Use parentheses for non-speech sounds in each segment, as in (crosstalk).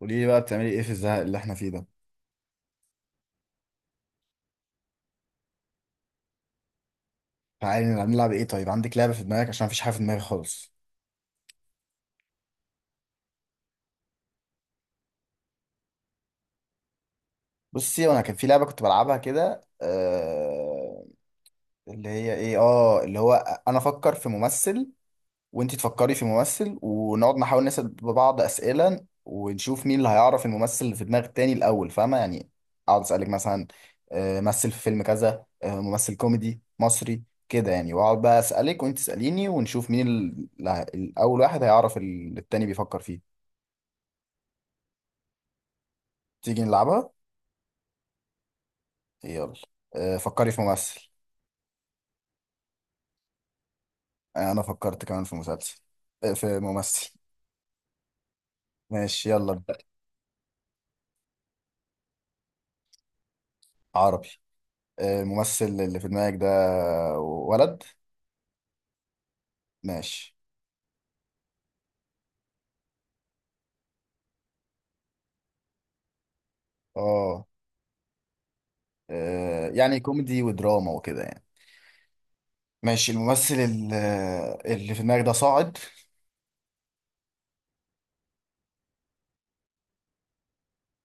قولي لي بقى بتعملي ايه في الزهق اللي احنا فيه ده؟ تعالي نلعب، نلعب ايه؟ طيب عندك لعبه في دماغك عشان مفيش حاجه في دماغي خالص. بصي، وانا كان في لعبه كنت بلعبها كده. آه اللي هي ايه اه اللي هو انا افكر في ممثل، وانتي تفكري في ممثل، ونقعد نحاول نسال بعض اسئله ونشوف مين اللي هيعرف الممثل اللي في دماغ التاني الاول، فاهمه يعني؟ اقعد اسالك مثلا، آه مثل في فيلم كذا، آه ممثل كوميدي مصري كده يعني، واقعد بقى اسالك وانت تساليني ونشوف مين الاول واحد هيعرف التاني بيفكر فيه. تيجي نلعبها؟ يلا. آه، فكري في ممثل. آه، انا فكرت كمان في مسلسل. آه، في ممثل. ماشي يلا ابدأ. عربي. آه، الممثل اللي في دماغك ده ولد؟ ماشي. اه آه. يعني كوميدي ودراما وكده يعني. ماشي، الممثل اللي في دماغك ده صاعد؟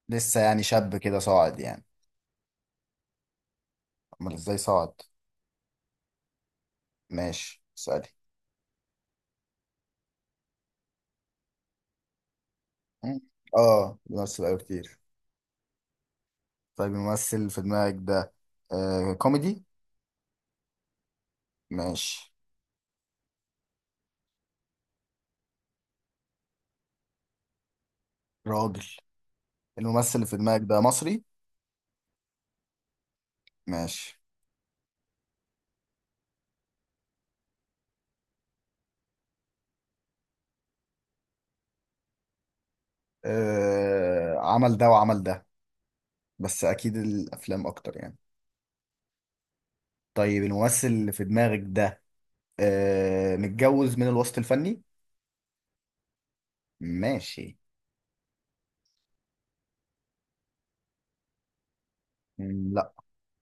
لسه يعني شاب كده صاعد يعني. امال ازاي صاعد؟ ماشي اسألي. مم. اه بيمثل أوي كتير. طيب الممثل في دماغك ده، آه كوميدي؟ ماشي. راجل. الممثل اللي في دماغك ده مصري؟ ماشي. آه عمل ده وعمل ده، بس اكيد الافلام اكتر يعني. طيب الممثل اللي في دماغك ده آه متجوز من الوسط الفني؟ ماشي. مم، لا.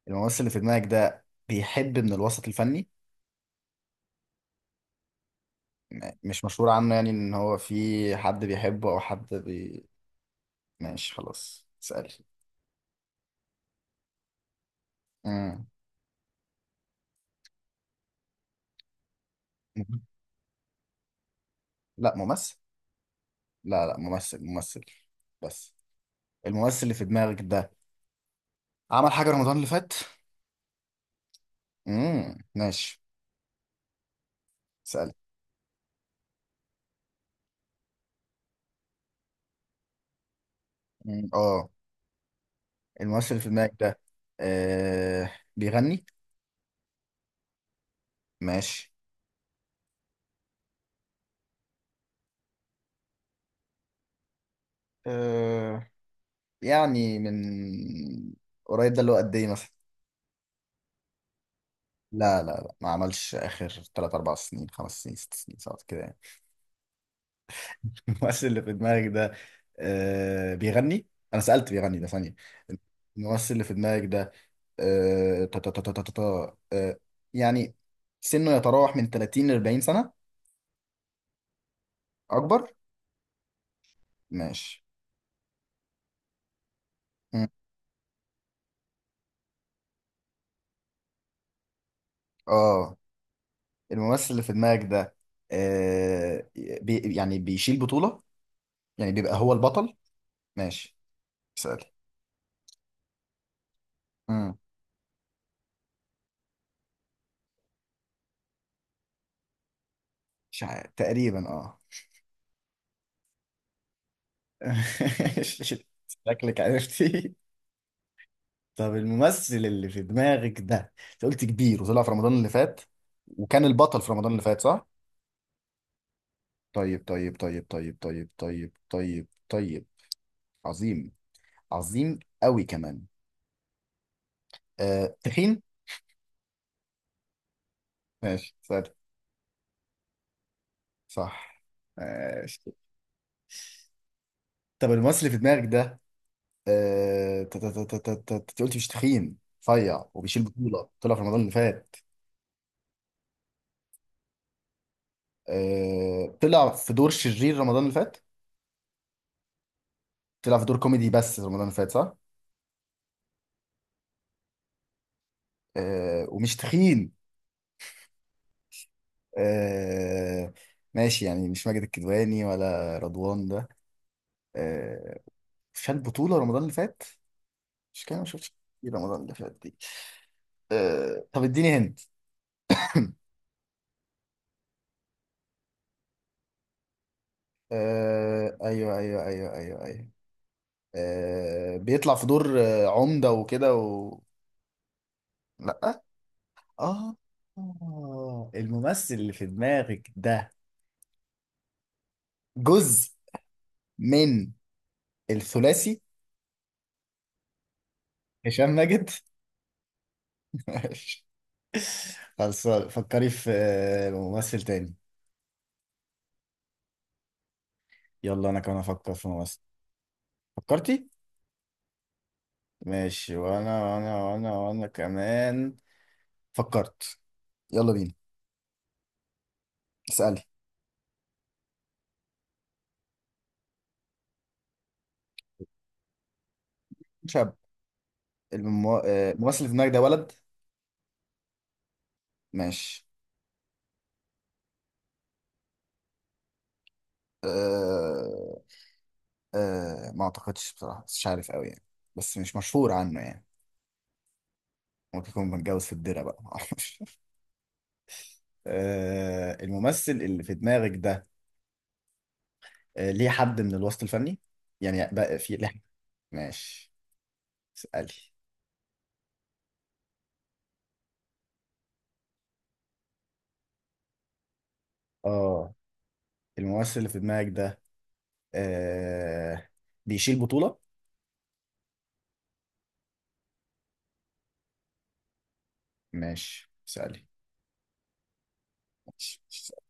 الممثل اللي في دماغك ده بيحب من الوسط الفني؟ مش مشهور عنه يعني ان هو في حد بيحبه او حد بي. ماشي خلاص اسألي. مم. لا ممثل. لا لا ممثل ممثل بس. الممثل اللي في دماغك ده عمل حاجة رمضان اللي فات؟ ماشي. اسأل. مم، اه. الممثل اللي في دماغك ده آه بيغني؟ ماشي. آه يعني من قريب ده اللي هو قد ايه مثلا؟ لا لا لا ما عملش اخر، 3 4 سنين 5 سنين 6 سنين 7 كده يعني. (laughs) الممثل اللي في دماغك ده آه بيغني؟ انا سألت بيغني ده ثانية. الممثل اللي في دماغك ده آه تا تا تا تا تا تا تا، آه يعني سنه يتراوح من 30 ل 40 سنة؟ اكبر. ماشي اه. الممثل اللي في دماغك ده آه يعني بيشيل بطولة، يعني بيبقى هو البطل؟ ماشي. اسأل. امم مش عارف تقريبا اه. (laughs) شكلك عرفتي. طب الممثل اللي في دماغك ده، انت قلت كبير وطلع في رمضان اللي فات وكان البطل في رمضان اللي فات، صح؟ طيب طيب طيب طيب طيب طيب طيب طيب. عظيم، عظيم قوي كمان. آه تخين؟ ماشي سهل. صح. ماشي. طب الممثل اللي في دماغك ده، آه، انت قلت مش تخين، رفيع، وبيشيل بطولة، طلع في رمضان اللي فات. آه، طلع في دور شرير رمضان اللي فات؟ طلع في دور كوميدي بس رمضان اللي فات صح؟ آه، ومش تخين. آه، ماشي، يعني مش ماجد الكدواني ولا رضوان ده. آه، شال بطولة رمضان اللي فات، مش كده؟ ما شفتش كتير رمضان اللي فات دي. آه، طب اديني هنت. آه، ايوه ايوه ايوه ايوه ايوه. آه، بيطلع في دور عمدة وكده و... لا. آه آه، الممثل اللي في دماغك ده جزء من الثلاثي، هشام ماجد. (laughs) ماشي. خلاص فكري في ممثل تاني. يلا أنا كمان أفكر في ممثل. فكرتي؟ ماشي، وأنا كمان فكرت. يلا بينا. اسألي. شاب. الممثل اللي في دماغك ده ولد؟ ماشي. أه أه ما أعتقدش بصراحة، بس مش عارف أوي يعني، بس مش مشهور عنه يعني. ممكن يكون متجوز في الدرة بقى (laughs) معرفش. آه، الممثل اللي في دماغك ده آه، ليه حد من الوسط الفني، يعني بقى في ليه؟ ماشي اسألي. اه. الممثل اللي في دماغك ده آه، بيشيل بطولة؟ ماشي اسألي. ماشي اسألي.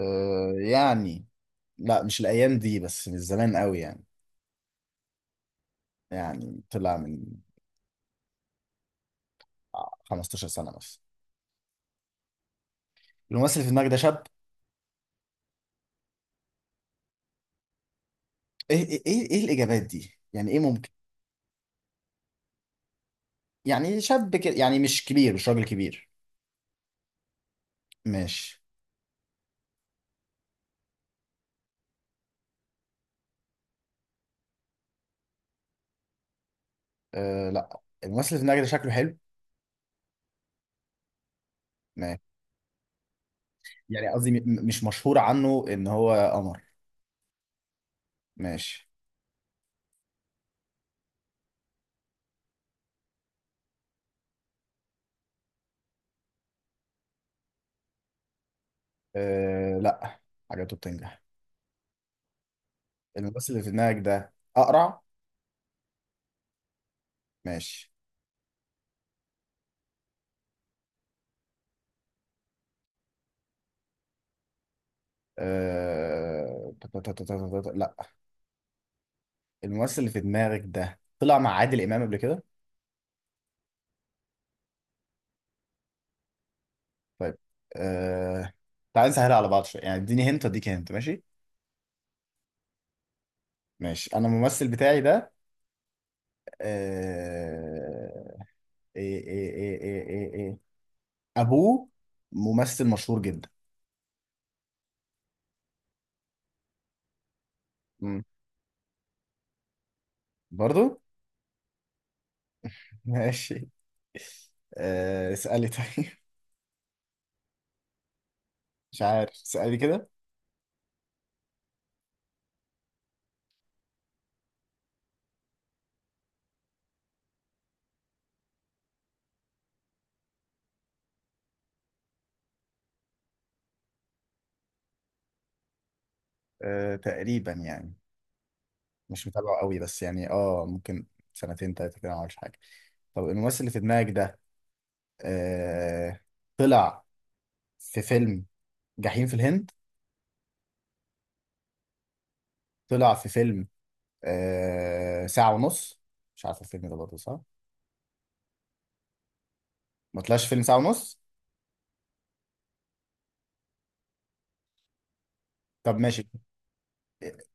آه، يعني لا مش الأيام دي بس من زمان قوي يعني، يعني طلع من 15 سنة بس. الممثل اللي في دماغك ده شاب؟ ايه ايه ايه إيه الإجابات دي؟ يعني ايه ممكن؟ يعني شاب كده يعني، مش كبير، مش راجل كبير. ماشي. لا، الممثل اللي في دماغي ده شكله حلو. ماشي. يعني قصدي مش مشهور عنه ان هو قمر. ماشي. لا، حاجاته بتنجح. الممثل اللي في دماغك ده اقرع؟ ماشي. أه... تا- تا- تا- تا- تا- تا- لا. الممثل اللي في دماغك ده طلع مع عادل امام قبل كده. طيب. أه... تعال نسهلها على بعض شويه يعني، اديني هنت اديك هنت، ماشي؟ ماشي، انا الممثل بتاعي ده أه... ايه ايه ايه ايه ايه إيه. ابوه ممثل مشهور جدا. مم. برضو. ماشي. آه، اسألي طيب (laughs) مش عارف، اسألي كده. تقريبا يعني، مش متابعه قوي بس يعني ممكن، سنتين تلاتة كده ما عملش حاجة. طب الممثل اللي في دماغك ده أه طلع في فيلم جحيم في الهند؟ طلع في فيلم ساعة ونص؟ مش عارف الفيلم ده برضه صح؟ ما طلعش فيلم ساعة ونص؟ طب ماشي.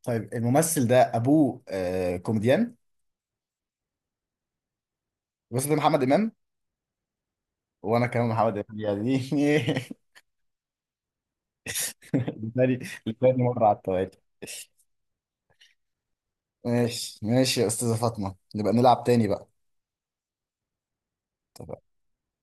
طيب الممثل ده أبوه كوميديان. الممثل ده محمد إمام. وانا كمان محمد يعني (laughs) لتاني لتاني مرة على التوالي. ماشي ماشي يا استاذة فاطمة، نبقى نلعب تاني بقى.